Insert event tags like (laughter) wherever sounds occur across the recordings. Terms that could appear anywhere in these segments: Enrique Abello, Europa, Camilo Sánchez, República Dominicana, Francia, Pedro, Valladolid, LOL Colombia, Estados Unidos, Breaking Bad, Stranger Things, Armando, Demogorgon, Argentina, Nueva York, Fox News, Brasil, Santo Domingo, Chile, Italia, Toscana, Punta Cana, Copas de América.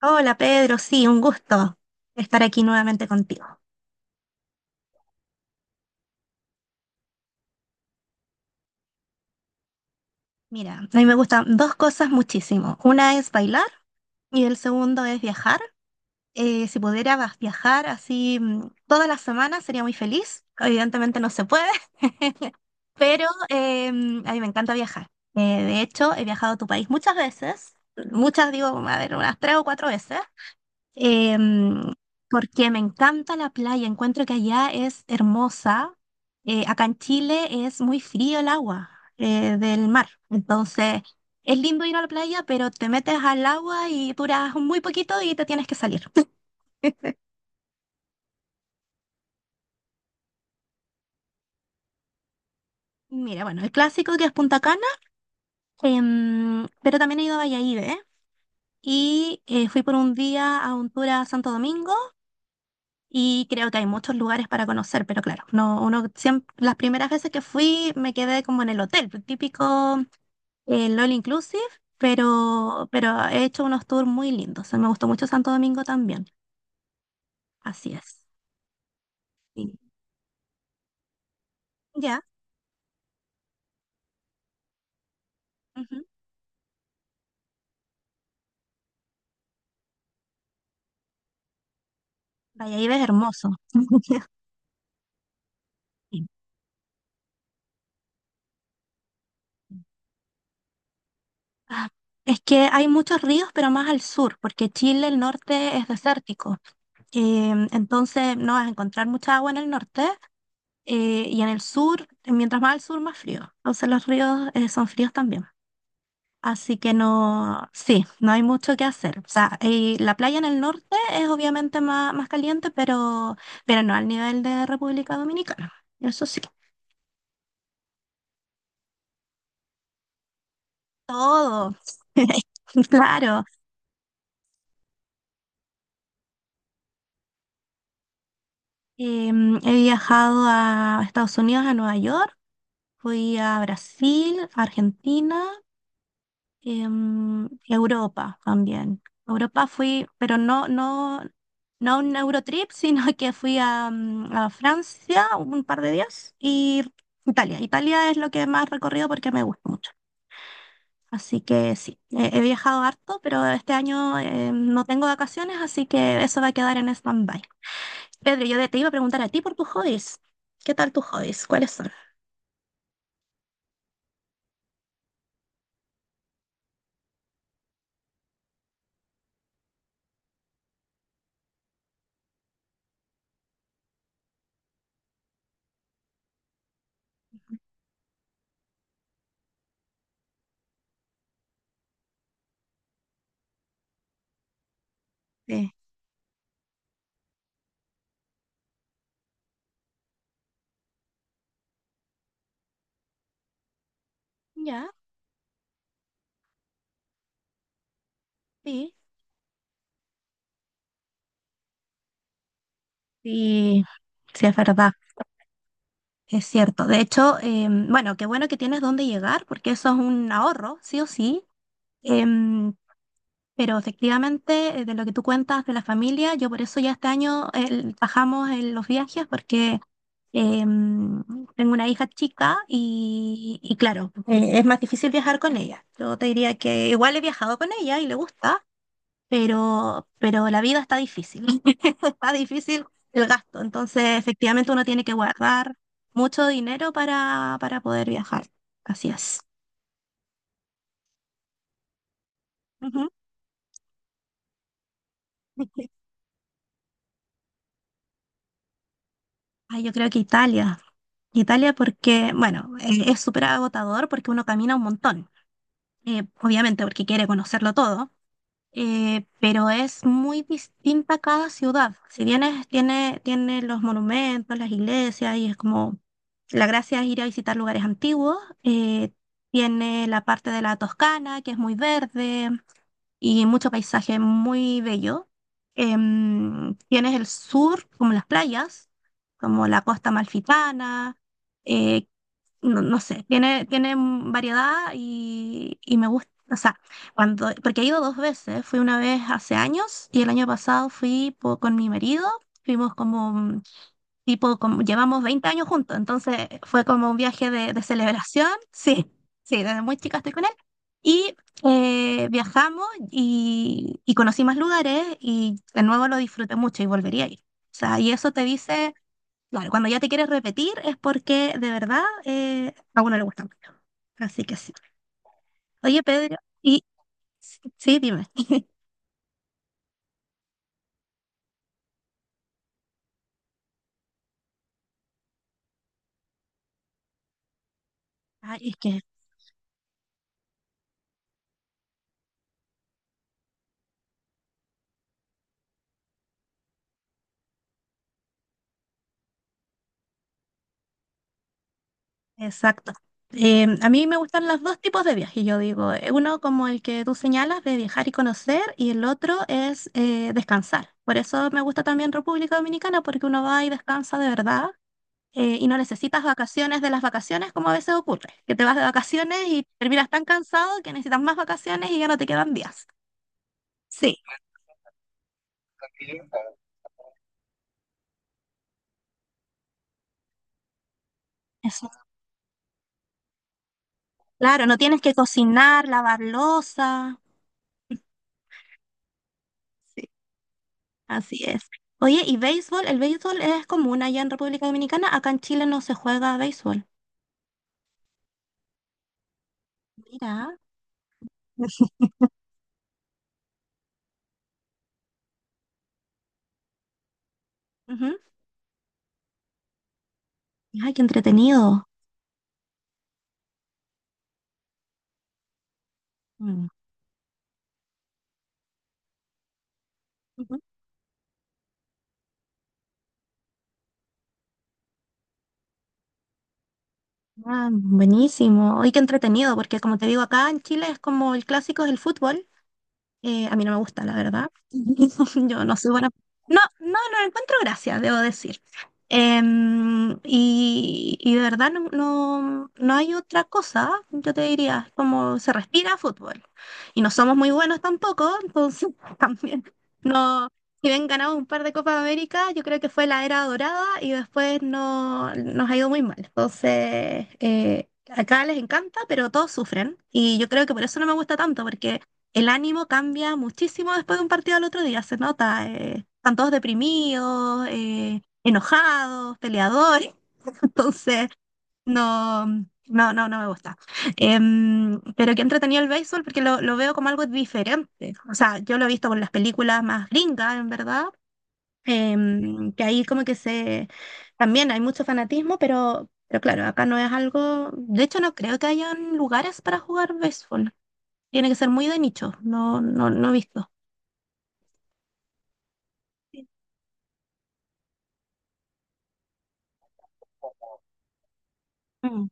Hola Pedro, sí, un gusto estar aquí nuevamente contigo. Mira, a mí me gustan dos cosas muchísimo. Una es bailar y el segundo es viajar. Si pudiera viajar así, todas las semanas sería muy feliz. Evidentemente no se puede, (laughs) pero a mí me encanta viajar. De hecho, he viajado a tu país muchas veces, muchas digo, a ver, unas tres o cuatro veces. em, Porque me encanta la playa, encuentro que allá es hermosa. Acá en Chile es muy frío el agua del mar, entonces es lindo ir a la playa, pero te metes al agua y duras muy poquito y te tienes que salir. (laughs) Mira, bueno, el clásico que es Punta Cana, pero también he ido a Valladolid, ¿eh? Y fui por un día a un tour a Santo Domingo. Y creo que hay muchos lugares para conocer, pero claro, no, uno siempre, las primeras veces que fui me quedé como en el hotel, el típico, el all inclusive, pero, he hecho unos tours muy lindos. O sea, me gustó mucho Santo Domingo también. Así es. Sí. Ya. Ujú. Valladolid es hermoso. (laughs) Sí. Ah, es que hay muchos ríos, pero más al sur, porque Chile, el norte es desértico. Entonces no vas a encontrar mucha agua en el norte, y en el sur, mientras más al sur, más frío. Entonces los ríos son fríos también. Así que no, sí, no hay mucho que hacer. O sea, y la playa en el norte es obviamente más, caliente, pero, no al nivel de República Dominicana. Eso sí, todo. (laughs) Claro. He viajado a Estados Unidos, a Nueva York, fui a Brasil, a Argentina, y a Europa también. A Europa fui, pero No a un Eurotrip, sino (laughs) que fui a Francia un par de días y Italia. Italia es lo que más he recorrido porque me gusta mucho. Así que sí, he viajado harto, pero este año no tengo vacaciones, así que eso va a quedar en stand-by. Pedro, yo te iba a preguntar a ti por tus hobbies. ¿Qué tal tus hobbies? ¿Cuáles son? Sí. Ya, sí. Sí, sí, es verdad. Es cierto. De hecho, bueno, qué bueno que tienes dónde llegar, porque eso es un ahorro, sí o sí. Em, pero efectivamente, de lo que tú cuentas de la familia, yo por eso ya este año bajamos en los viajes, porque em, tengo una hija chica y, claro, es más difícil viajar con ella. Yo te diría que igual he viajado con ella y le gusta, pero, la vida está difícil, (laughs) está difícil el gasto, entonces efectivamente uno tiene que guardar mucho dinero para, poder viajar, así es. Ujú. (laughs) Ay, yo creo que Italia, Italia porque, bueno, es súper agotador porque uno camina un montón, obviamente porque quiere conocerlo todo, pero es muy distinta cada ciudad. Si bien tiene, los monumentos, las iglesias, y es como la gracia es ir a visitar lugares antiguos, eh, tiene la parte de la Toscana, que es muy verde y mucho paisaje muy bello. Tienes el sur, como las playas, como la costa amalfitana. eh, no, no sé, tiene, variedad y, me gusta. O sea, cuando, porque he ido dos veces, fui una vez hace años y el año pasado fui con mi marido, fuimos como, tipo, como, llevamos 20 años juntos, entonces fue como un viaje de, celebración, (laughs) sí, sí, desde muy chica estoy con él, y viajamos y, conocí más lugares y de nuevo lo disfruté mucho y volvería a ir. O sea, y eso te dice, claro, cuando ya te quieres repetir es porque de verdad a uno le gusta mucho. Así que sí. Oye, Pedro, y sí, dime. Ay, es que, exacto. A mí me gustan los dos tipos de viajes, yo digo. Uno como el que tú señalas de viajar y conocer, y el otro es descansar. Por eso me gusta también República Dominicana, porque uno va y descansa de verdad y no necesitas vacaciones de las vacaciones como a veces ocurre, que te vas de vacaciones y terminas tan cansado que necesitas más vacaciones y ya no te quedan días. Sí, eso, claro, no tienes que cocinar, lavar loza. Sí. Así es. Oye, ¿y béisbol? El béisbol es común allá en República Dominicana. Acá en Chile no se juega béisbol. Mira. Ujú. Ay, qué entretenido. Mm. Ujú. Ah, buenísimo. Ay, qué entretenido, porque como te digo, acá en Chile es como el clásico es el fútbol. A mí no me gusta, la verdad. (laughs) Yo no soy buena. No, no, no le encuentro gracia, debo decir. Y de verdad no, no, no hay otra cosa, yo te diría, como se respira fútbol. Y no somos muy buenos tampoco, entonces (laughs) también no. Si bien ganamos un par de Copas de América, yo creo que fue la era dorada y después no, nos ha ido muy mal. Entonces, acá les encanta, pero todos sufren. Y yo creo que por eso no me gusta tanto, porque el ánimo cambia muchísimo después de un partido al otro día, se nota. Están todos deprimidos, enojados, peleadores. (laughs) Entonces, no, no, no, no me gusta. Pero que entretenido el béisbol porque lo, veo como algo diferente. O sea, yo lo he visto con las películas más gringas, en verdad. Que ahí como que se... También hay mucho fanatismo, pero, claro, acá no es algo... De hecho, no creo que hayan lugares para jugar béisbol. Tiene que ser muy de nicho, no, no, no he visto. Mm,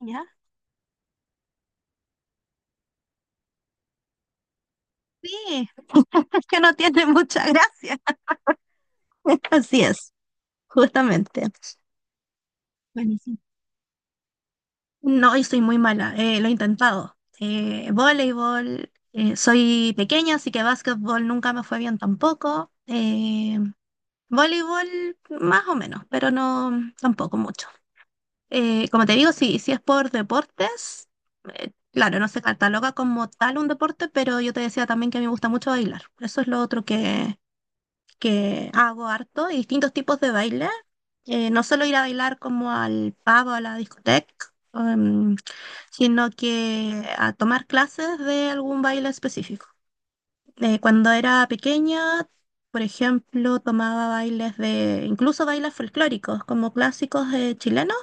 ¿ya? Sí, (laughs) es que no tiene mucha gracia. (laughs) Así es, justamente. Buenísimo. No, y soy muy mala, lo he intentado. Voleibol, soy pequeña, así que básquetbol nunca me fue bien tampoco. Voleibol más o menos, pero no tampoco mucho. Como te digo, si es por deportes, claro, no se cataloga como tal un deporte, pero yo te decía también que me gusta mucho bailar. Eso es lo otro que, hago harto, y distintos tipos de baile. No solo ir a bailar como al pub o a la discoteca, em, sino que a tomar clases de algún baile específico. Cuando era pequeña, por ejemplo, tomaba bailes de, incluso bailes folclóricos, como clásicos chilenos,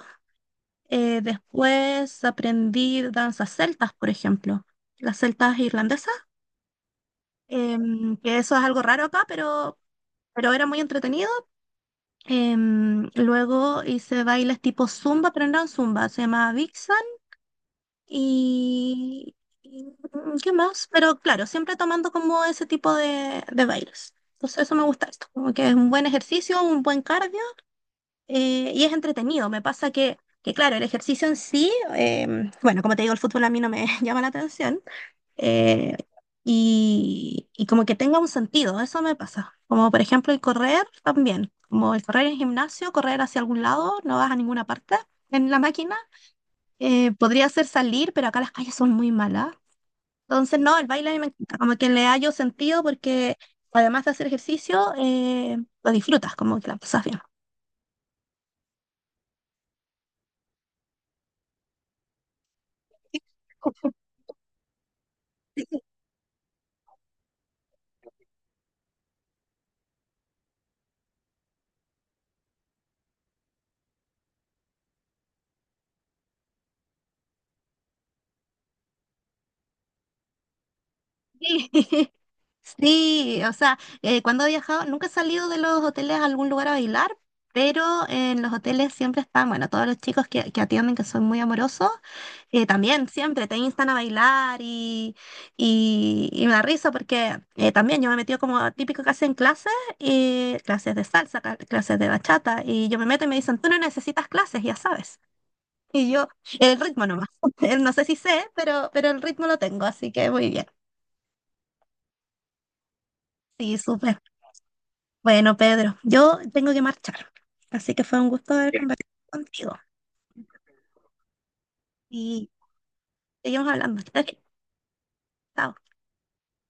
después aprendí danzas celtas, por ejemplo, las celtas irlandesas, que eso es algo raro acá, pero, era muy entretenido. Luego hice bailes tipo zumba, pero no eran zumba, se llamaba Vixen y... y, ¿qué más? Pero claro, siempre tomando como ese tipo de, bailes. Entonces eso me gusta esto, como que es un buen ejercicio, un buen cardio y es entretenido. Me pasa que, claro, el ejercicio en sí, bueno, como te digo, el fútbol a mí no me (laughs) llama la atención, eh, y como que tenga un sentido, eso me pasa. Como por ejemplo el correr también, como el correr en gimnasio, correr hacia algún lado, no vas a ninguna parte en la máquina. Podría ser salir, pero acá las calles son muy malas. Entonces, no, el baile a mí me encanta, como que le hallo sentido porque además de hacer ejercicio, lo disfrutas, como que la pasas bien. (laughs) Sí. Sí, o sea, cuando he viajado, nunca he salido de los hoteles a algún lugar a bailar, pero en los hoteles siempre están, bueno, todos los chicos que, atienden, que son muy amorosos, también siempre te instan a bailar y, me da risa porque también yo me he metido como típico que hacen clases, y clases de salsa, clases de bachata, y yo me meto y me dicen, tú no necesitas clases, ya sabes. Y yo, el ritmo nomás, (laughs) no sé si sé, pero, el ritmo lo tengo, así que muy bien. Sí, súper. Bueno, Pedro, yo tengo que marchar, así que fue un gusto haber conversado contigo y seguimos hablando. (laughs) Chao.